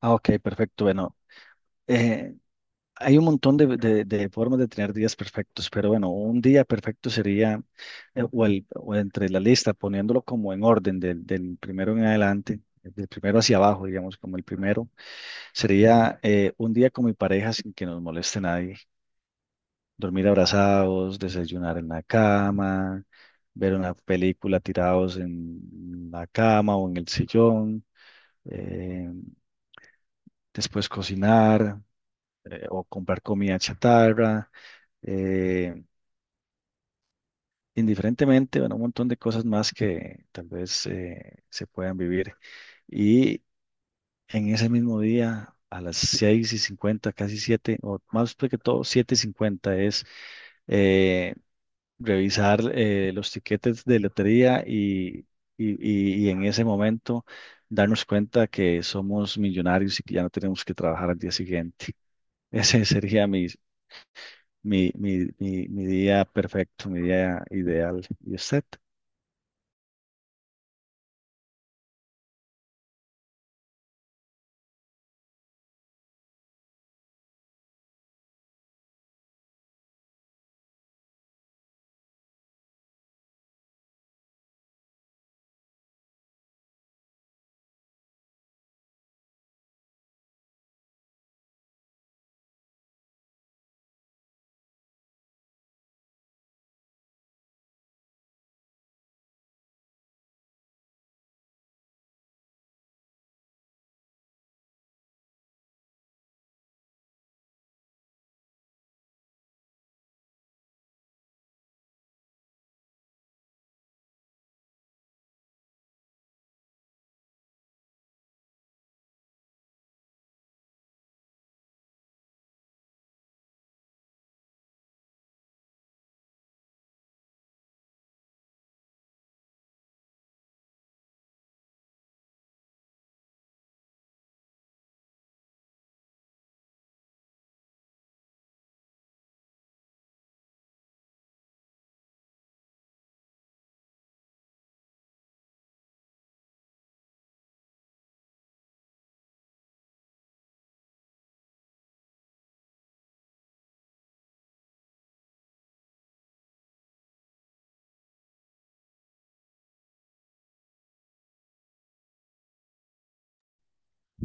Ah, ok, perfecto. Bueno, eh, hay un montón de, de formas de tener días perfectos, pero bueno, un día perfecto sería, o entre la lista, poniéndolo como en orden, del primero en adelante, del primero hacia abajo, digamos, como el primero, sería un día con mi pareja sin que nos moleste nadie, dormir abrazados, desayunar en la cama, ver una película tirados en la cama o en el sillón, eh, después cocinar o comprar comida chatarra, eh, indiferentemente, bueno, un montón de cosas más que tal vez se puedan vivir. Y en ese mismo día, a las 6:50 casi 7 o más que todo, siete y 50 es eh, revisar los tiquetes de lotería y en ese momento darnos cuenta que somos millonarios y que ya no tenemos que trabajar al día siguiente. Ese sería mi día perfecto, mi día ideal. ¿Y usted?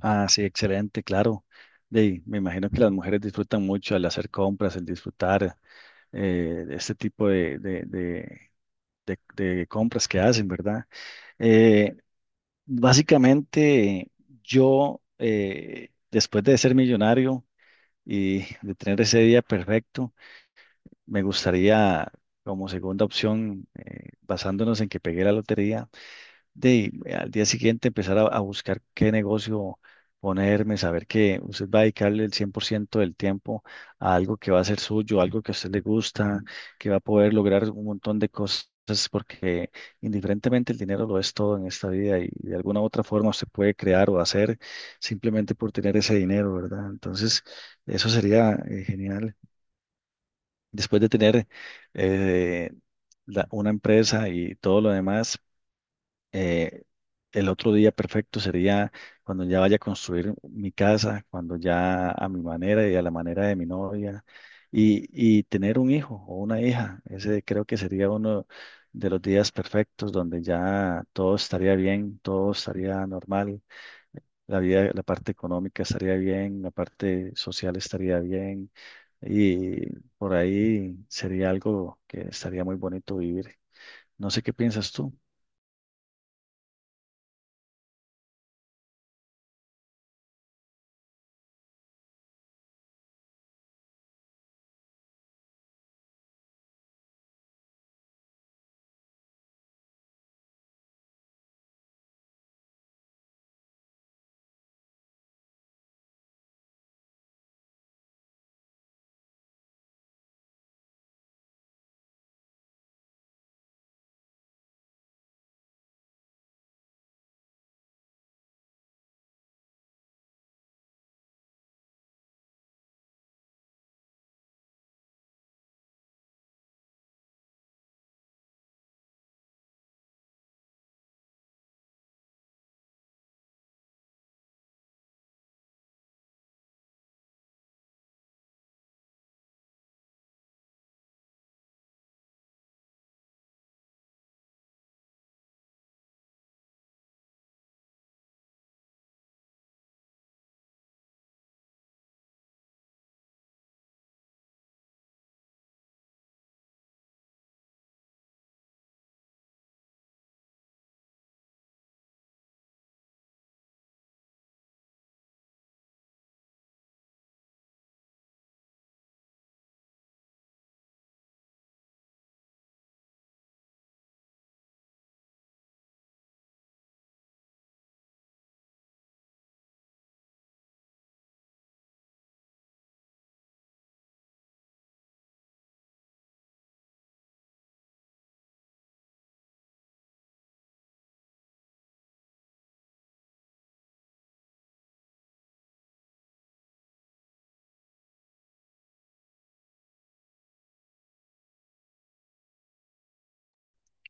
Ah, sí, excelente, claro. De Me imagino que las mujeres disfrutan mucho el hacer compras, el disfrutar de este tipo de- de compras que hacen, ¿verdad? Eh, básicamente, yo, después de ser millonario y de tener ese día perfecto, me gustaría, como segunda opción, basándonos en que pegué la lotería, de al día siguiente empezar a buscar qué negocio ponerme, saber que usted va a dedicarle el 100% del tiempo a algo que va a ser suyo, algo que a usted le gusta, que va a poder lograr un montón de cosas, porque indiferentemente el dinero lo es todo en esta vida y de alguna u otra forma se puede crear o hacer simplemente por tener ese dinero, ¿verdad? Entonces, eso sería genial. Después de tener eh, una empresa y todo lo demás eh, el otro día perfecto sería cuando ya vaya a construir mi casa, cuando ya a mi manera y a la manera de mi novia, y, y tener un hijo o una hija. Ese creo que sería uno de los días perfectos donde ya todo estaría bien, todo estaría normal, la vida, la parte económica estaría bien, la parte social estaría bien, y por ahí sería algo que estaría muy bonito vivir. No sé qué piensas tú.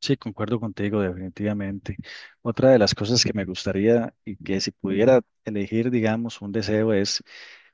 Sí, concuerdo contigo, definitivamente. Otra de las cosas que me gustaría y que si pudiera elegir, digamos, un deseo es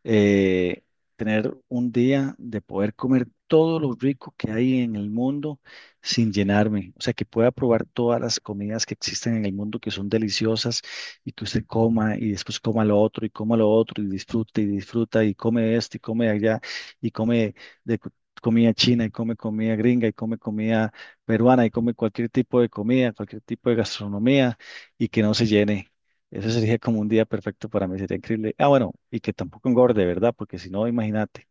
eh, tener un día de poder comer todo lo rico que hay en el mundo sin llenarme. O sea, que pueda probar todas las comidas que existen en el mundo que son deliciosas y que usted coma y después coma lo otro y coma lo otro y disfruta y disfruta y come esto y come allá y come de cu- comida china y come comida gringa y come comida peruana y come cualquier tipo de comida, cualquier tipo de gastronomía y que no se llene. Eso sería como un día perfecto para mí, sería increíble. Ah, bueno, y que tampoco engorde, ¿verdad? Porque si no, imagínate,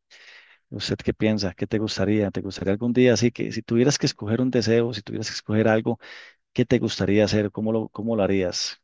¿usted qué piensa? ¿Qué te gustaría? ¿Te gustaría algún día? Así que si tuvieras que escoger un deseo, si tuvieras que escoger algo, ¿qué te gustaría hacer? Cómo lo harías?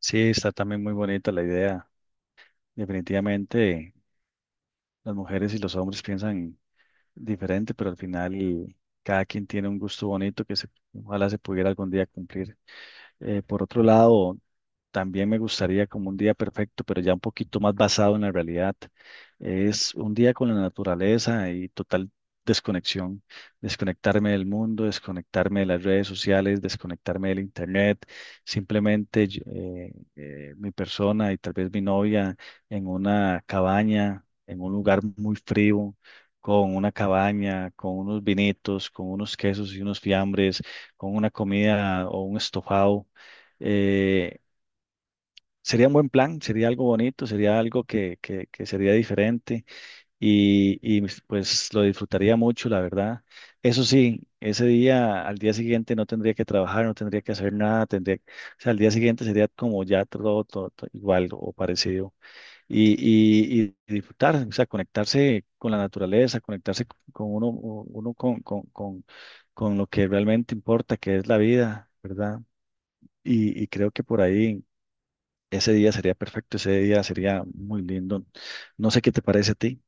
Sí, está también muy bonita la idea. Definitivamente, las mujeres y los hombres piensan diferente, pero al final cada quien tiene un gusto bonito que se, ojalá se pudiera algún día cumplir. Por otro lado, también me gustaría como un día perfecto, pero ya un poquito más basado en la realidad. Es un día con la naturaleza y total desconexión. Desconectarme del mundo, desconectarme de las redes sociales, desconectarme del internet. Simplemente mi persona y tal vez mi novia en una cabaña, en un lugar muy frío, con una cabaña, con unos vinitos, con unos quesos y unos fiambres, con una comida o un estofado. eh, Sería un buen plan, sería algo bonito, sería algo que sería diferente y pues lo disfrutaría mucho, la verdad. Eso sí, ese día, al día siguiente no tendría que trabajar, no tendría que hacer nada, tendría, o sea, al día siguiente sería como ya todo, todo igual o parecido y, y disfrutar, o sea, conectarse con la naturaleza, conectarse con uno con lo que realmente importa, que es la vida, ¿verdad? Y creo que por ahí ese día sería perfecto, ese día sería muy lindo. No sé qué te parece a ti.